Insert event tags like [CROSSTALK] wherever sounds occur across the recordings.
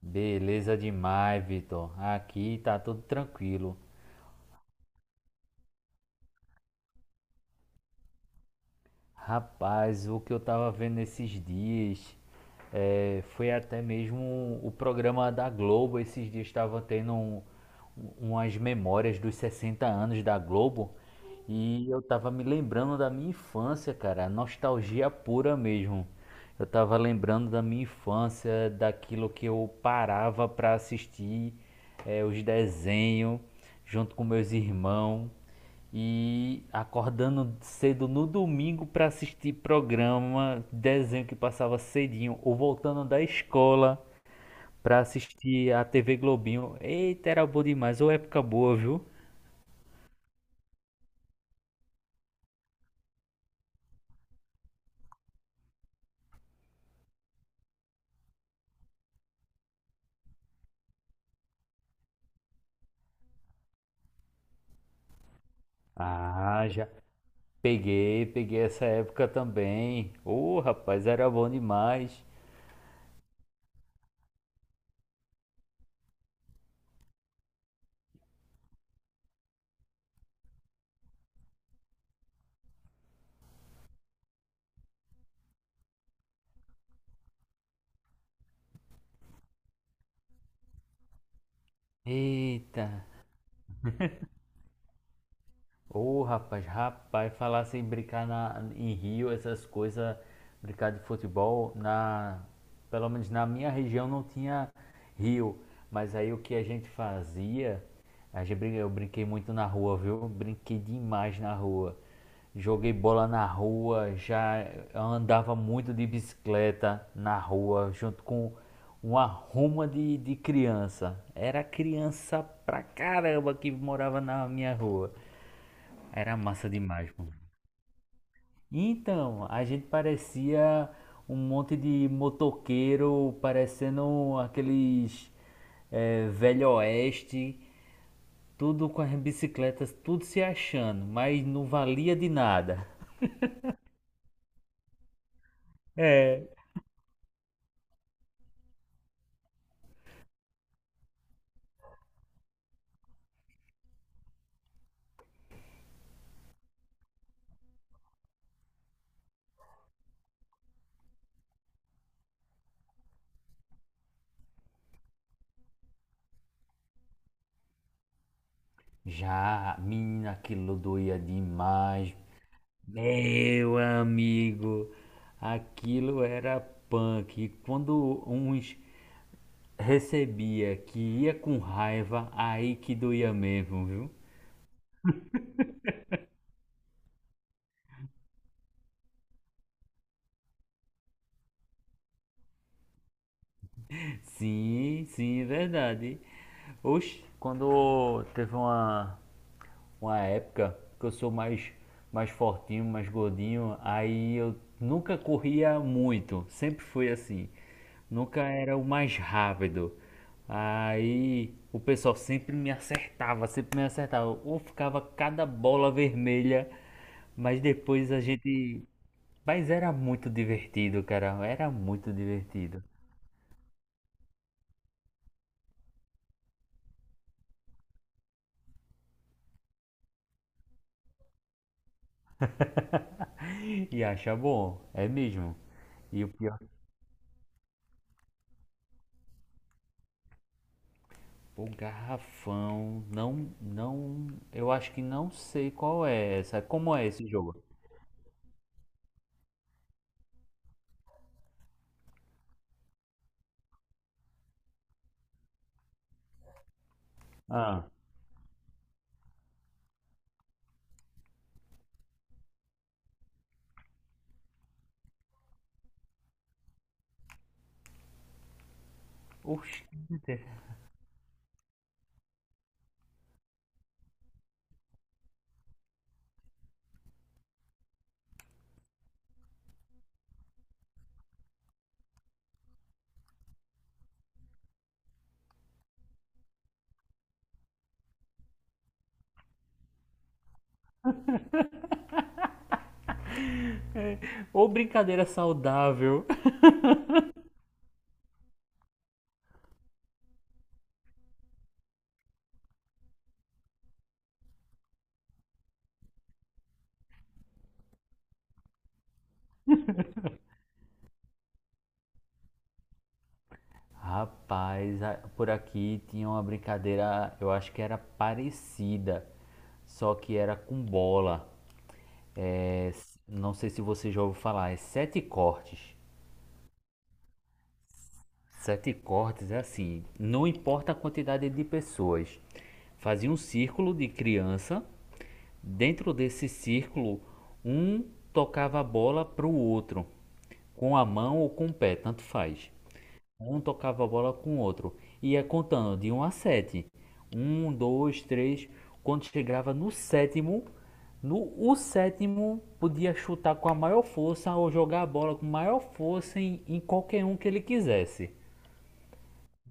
Beleza demais, Vitor. Aqui tá tudo tranquilo. Rapaz, o que eu tava vendo esses dias foi até mesmo o programa da Globo. Esses dias estava tendo umas memórias dos 60 anos da Globo e eu tava me lembrando da minha infância, cara, nostalgia pura mesmo. Eu tava lembrando da minha infância, daquilo que eu parava pra assistir, os desenhos, junto com meus irmãos, e acordando cedo no domingo pra assistir programa, desenho que passava cedinho, ou voltando da escola pra assistir a TV Globinho. Eita, era bom demais. Ou época boa, viu? Ah, já peguei essa época também. Ô, rapaz, era bom demais. Eita. Ô, rapaz, falar sem brincar em Rio, essas coisas, brincar de futebol, na, pelo menos na minha região não tinha rio, mas aí o que a gente fazia, a gente eu brinquei muito na rua, viu? Brinquei demais na rua. Joguei bola na rua, já andava muito de bicicleta na rua, junto com uma ruma de criança. Era criança pra caramba que morava na minha rua. Era massa demais, mano. Então, a gente parecia um monte de motoqueiro, parecendo aqueles velho oeste, tudo com as bicicletas, tudo se achando, mas não valia de nada. É. Já, menina, aquilo doía demais. Meu amigo, aquilo era punk. E quando uns recebia que ia com raiva, aí que doía mesmo, viu? Sim, sim, é verdade. Oxe, quando teve uma época que eu sou mais, mais fortinho, mais gordinho, aí eu nunca corria muito, sempre foi assim. Nunca era o mais rápido. Aí o pessoal sempre me acertava, sempre me acertava. Ou ficava cada bola vermelha, mas depois a gente. Mas era muito divertido, cara, era muito divertido. E acha bom, é mesmo. E o pior, o garrafão, não, eu acho que não sei qual é essa, como é esse jogo? Ah, oxe, ou brincadeira saudável. Rapaz, por aqui tinha uma brincadeira, eu acho que era parecida, só que era com bola. É, não sei se você já ouviu falar, é sete cortes. Sete cortes é assim, não importa a quantidade de pessoas. Fazia um círculo de criança, dentro desse círculo, um tocava a bola para o outro, com a mão ou com o pé, tanto faz. Um tocava a bola com o outro, ia contando de um a sete. Um, dois, três. Quando chegava no sétimo, no o sétimo podia chutar com a maior força ou jogar a bola com maior força em qualquer um que ele quisesse.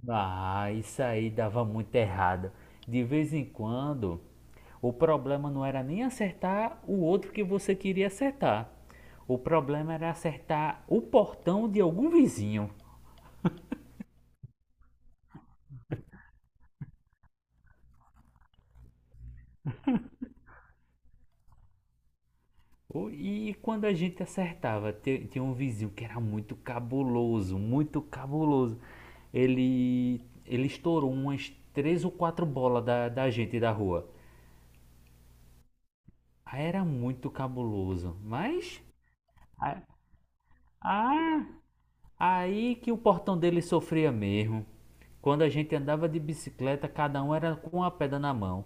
Ah, isso aí dava muito errado. De vez em quando, o problema não era nem acertar o outro que você queria acertar. O problema era acertar o portão de algum vizinho. E quando a gente acertava, tinha um vizinho que era muito cabuloso, muito cabuloso. Ele, ele estourou umas três ou quatro bolas da gente da rua. Aí era muito cabuloso, mas. Ah, aí que o portão dele sofria mesmo. Quando a gente andava de bicicleta, cada um era com uma pedra na mão.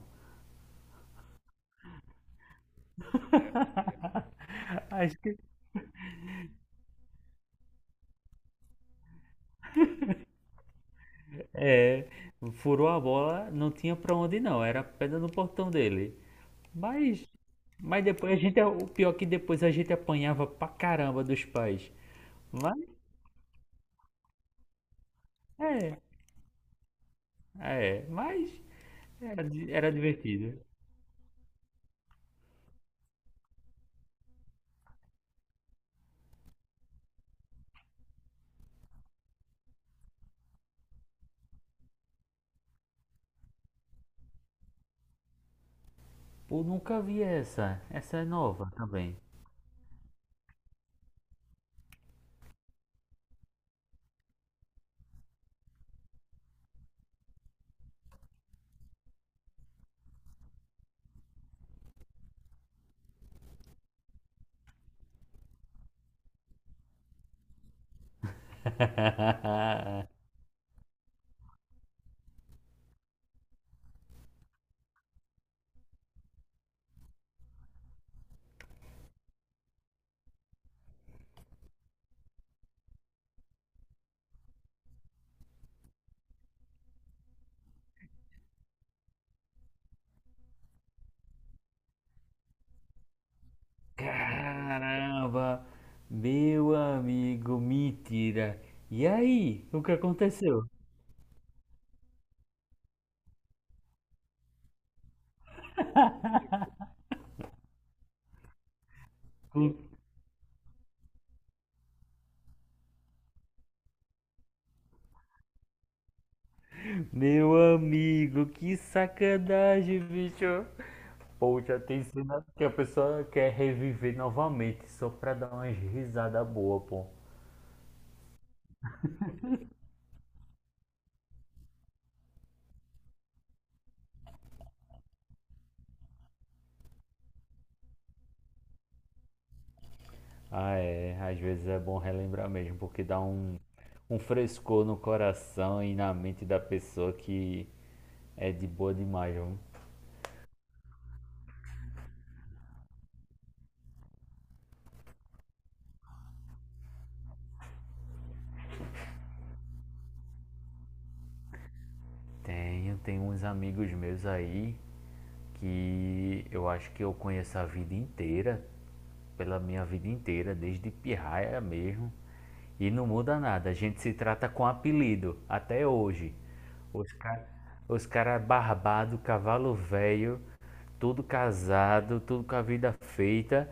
[LAUGHS] Acho que é, furou a bola, não tinha pra onde não, era pedra no portão dele. Mas, mas depois a gente, o pior é que depois a gente apanhava pra caramba dos pais. Mas, é, mas era, era divertido. Pô, nunca vi essa, essa é nova também. [LAUGHS] Caramba, meu amigo, mentira. E aí, o que aconteceu? Hum, Meu amigo, que sacanagem, bicho. Poxa, tem cena que a pessoa quer reviver novamente só pra dar umas risadas boas, pô. Ah, é, às vezes é bom relembrar mesmo, porque dá um frescor no coração e na mente da pessoa que é de boa demais, viu? Tenho, tenho uns amigos meus aí que eu acho que eu conheço a vida inteira, pela minha vida inteira, desde pirraia mesmo, e não muda nada. A gente se trata com apelido até hoje. Os caras os cara barbado, cavalo velho, tudo casado, tudo com a vida feita,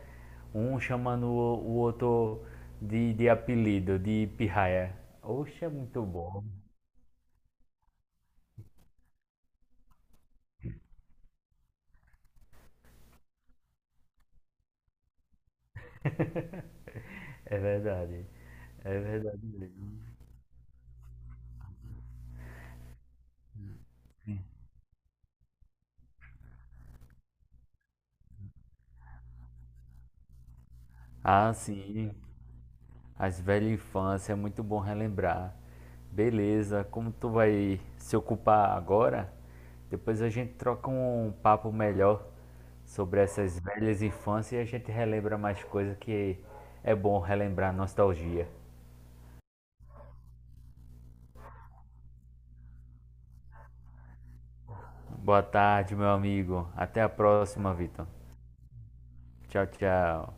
um chamando o outro de apelido, de pirraia. Oxe, é muito bom. É verdade, é verdade mesmo. Ah, sim. As velhas infância, é muito bom relembrar. Beleza, como tu vai se ocupar agora? Depois a gente troca um papo melhor sobre essas velhas infâncias e a gente relembra mais coisas que é bom relembrar nostalgia. Boa tarde, meu amigo. Até a próxima, Vitor. Tchau, tchau.